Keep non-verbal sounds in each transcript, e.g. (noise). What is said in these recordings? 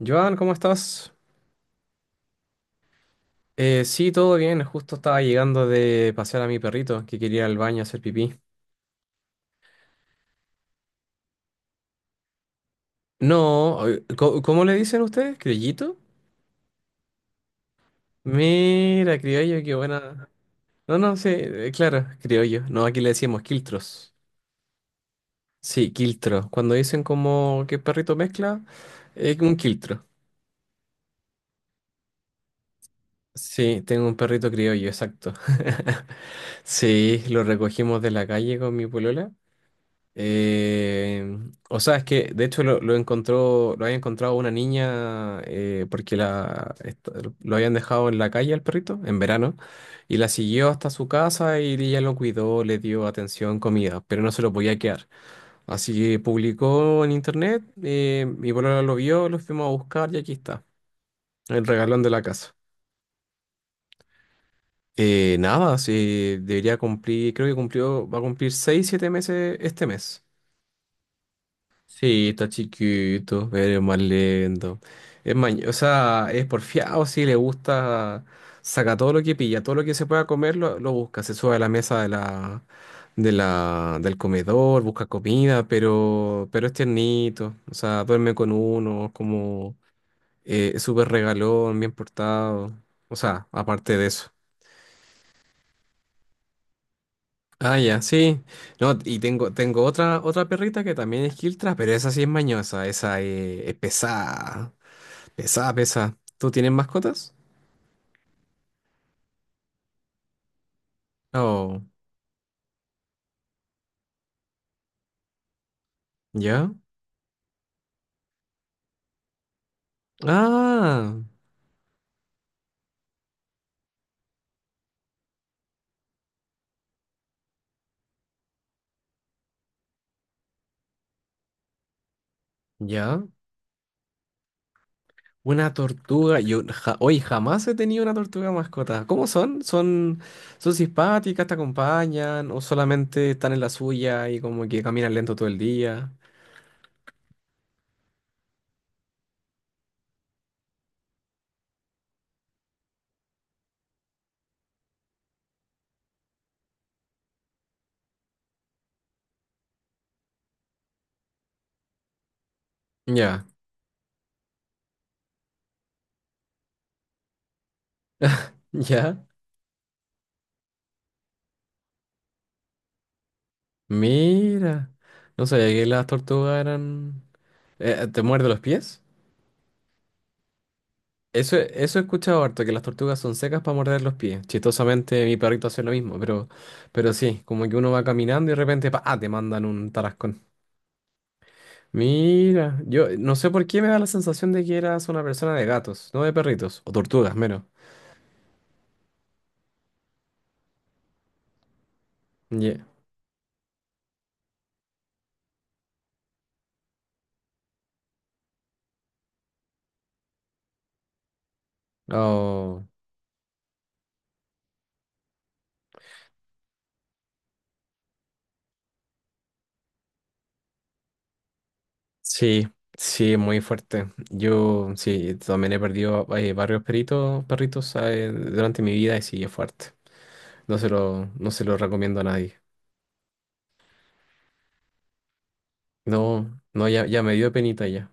Joan, ¿cómo estás? Sí, todo bien. Justo estaba llegando de pasear a mi perrito que quería ir al baño a hacer pipí. No, ¿cómo le dicen ustedes? ¿Criollito? Mira, criollo, qué buena. No, no, sí, claro, criollo. No, aquí le decíamos quiltros. Sí, quiltro. Cuando dicen como que perrito mezcla, es un quiltro. Sí, tengo un perrito criollo, exacto. (laughs) Sí, lo recogimos de la calle con mi polola. Eh, o sea, es que de hecho lo encontró, lo había encontrado una niña porque lo habían dejado en la calle al perrito en verano y la siguió hasta su casa y ella lo cuidó, le dio atención, comida, pero no se lo podía quedar. Así que publicó en internet, mi polola lo vio, lo fuimos a buscar y aquí está, el regalón de la casa. Nada, sí, debería cumplir, creo que cumplió, va a cumplir 6, 7 meses este mes. Sí, está chiquito, pero es más lento. Es o sea, es porfiado, sí, le gusta, saca todo lo que pilla, todo lo que se pueda comer lo busca, se sube a la mesa del comedor, busca comida, pero es tiernito, o sea, duerme con uno, es como es súper regalón, bien portado, o sea, aparte de eso. Ah, ya, sí. No, y tengo otra, otra perrita que también es Kiltra, pero esa sí es mañosa, esa es pesada. Pesa, pesa. ¿Tú tienes mascotas? Oh, ya. Ah, ya. Una tortuga. Hoy jamás he tenido una tortuga mascota. ¿Cómo son? Son? ¿Son simpáticas, te acompañan o solamente están en la suya y como que caminan lento todo el día? Ya, ya. Mira. No sabía que las tortugas eran... ¿te muerde los pies? Eso he escuchado harto, que las tortugas son secas para morder los pies. Chistosamente, mi perrito hace lo mismo, pero sí, como que uno va caminando y de repente, pa, ah, te mandan un tarascón. Mira, yo no sé por qué me da la sensación de que eras una persona de gatos, no de perritos, o tortugas, menos. Yeah. Oh, sí, sí, muy fuerte. Yo, sí, también he perdido varios perritos durante mi vida y sí, es fuerte. No se lo recomiendo a nadie. No, no, ya, ya me dio penita ya.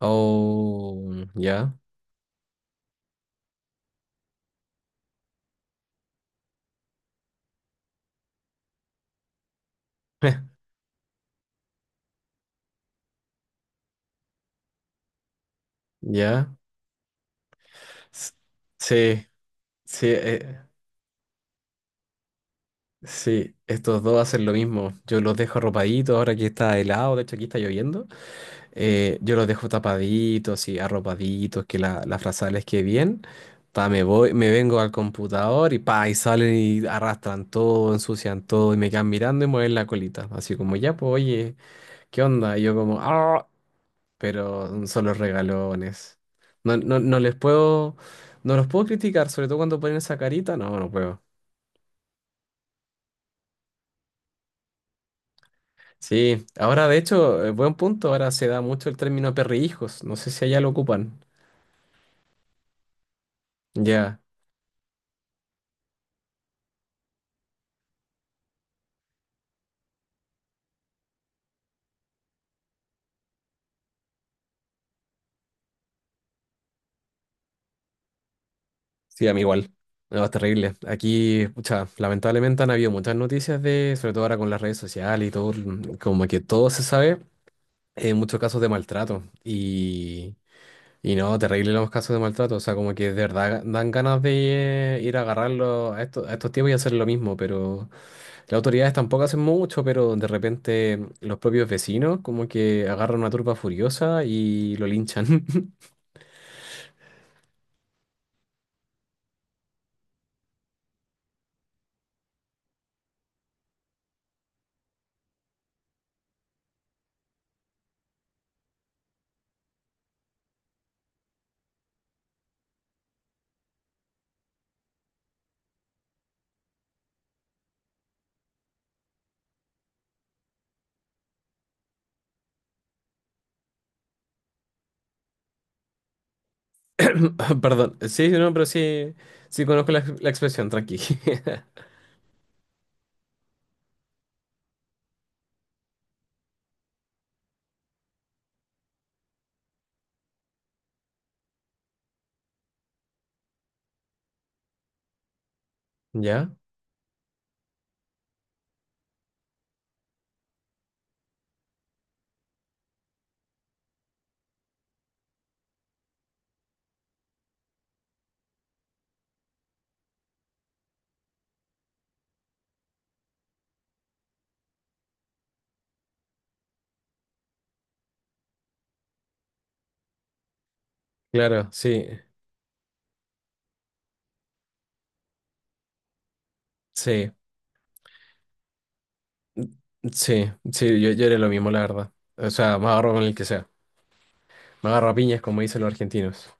Oh, ya, (laughs) ya. S- Sí, sí, sí, estos dos hacen lo mismo. Yo los dejo arropaditos ahora que está helado, de hecho aquí está lloviendo. Yo los dejo tapaditos y arropaditos, que la frazada les quede bien. Pa, me voy, me vengo al computador y pa, y salen y arrastran todo, ensucian todo y me quedan mirando y mueven la colita. Así como, ya, pues, oye, ¿qué onda? Y yo como, ¡ah! Pero son los regalones. No, no, no les puedo, no los puedo criticar, sobre todo cuando ponen esa carita, no, no puedo. Sí, ahora de hecho, buen punto, ahora se da mucho el término perrijos, no sé si allá lo ocupan. Ya, sí, a mí igual. No, es terrible. Aquí, pucha, lamentablemente han habido muchas noticias de, sobre todo ahora con las redes sociales y todo, como que todo se sabe, en muchos casos de maltrato. Y no, terrible los casos de maltrato, o sea, como que de verdad dan ganas de ir a agarrarlo a estos tipos y hacer lo mismo, pero las autoridades tampoco hacen mucho, pero de repente los propios vecinos como que agarran una turba furiosa y lo linchan. (laughs) Perdón, sí, no, pero sí, sí conozco la expresión, tranqui. (laughs) ¿Ya? Claro, sí, sí, sí, sí, yo haré lo mismo, la verdad. O sea, me agarro con el que sea, me agarro a piñas como dicen los argentinos.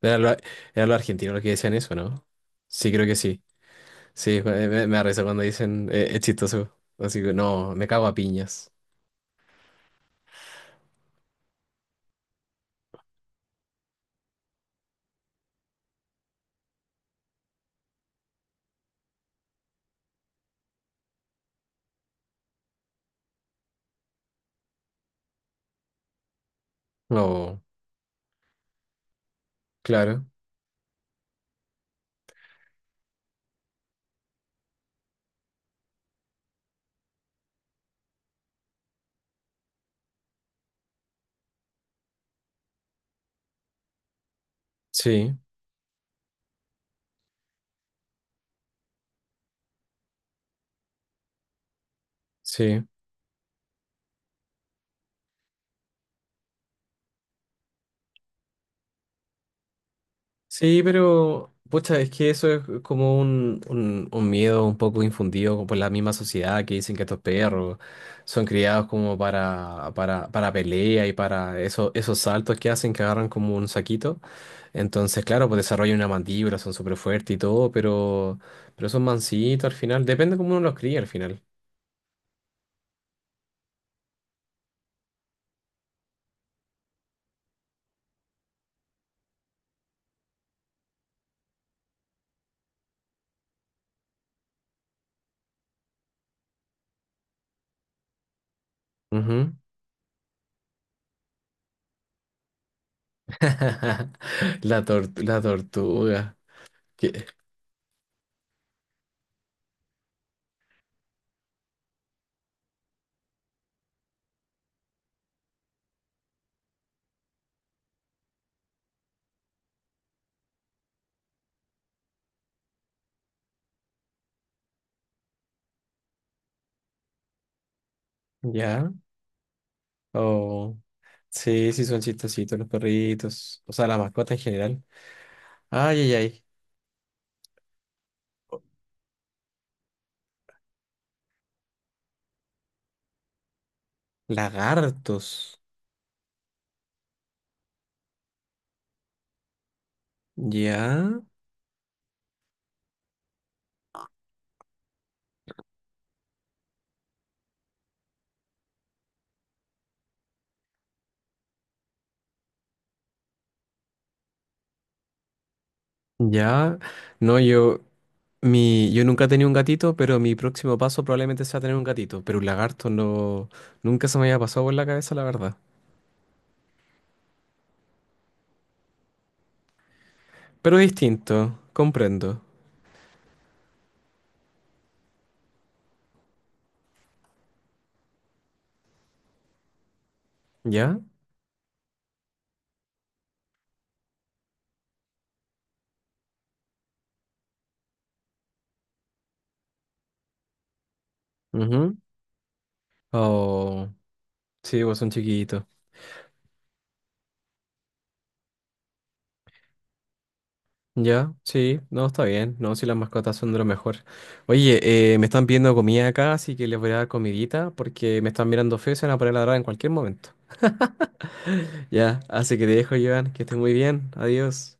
Era lo, era lo argentino lo que decían eso, ¿no? Sí, creo que sí. Sí, me da risa cuando dicen, es chistoso. Así que no, me cago a piñas. No, claro. Sí, sí. Sí, pero pucha, es que eso es como un miedo un poco infundido por la misma sociedad que dicen que estos perros son criados como para pelea y para eso, esos saltos que hacen que agarran como un saquito. Entonces, claro, pues desarrollan una mandíbula, son súper fuertes y todo, pero son mansitos al final. Depende cómo uno los cría al final. Ujú. (laughs) La tortuga. ¿Qué? ¿Ya? Sí, sí, son chistositos los perritos. O sea, la mascota en general. Ay, ay, ay. Lagartos. Ya, ya. No, yo nunca he tenido un gatito, pero mi próximo paso probablemente sea tener un gatito. Pero un lagarto no, nunca se me había pasado por la cabeza, la verdad. Pero es distinto, comprendo. ¿Ya? Ujú. Oh, sí, vos son chiquitos. Ya, sí, no, está bien. No, si las mascotas son de lo mejor. Oye, me están pidiendo comida acá, así que les voy a dar comidita porque me están mirando feo y se van a poner a ladrar en cualquier momento. (laughs) Ya, así que te dejo, Joan, que estés muy bien. Adiós.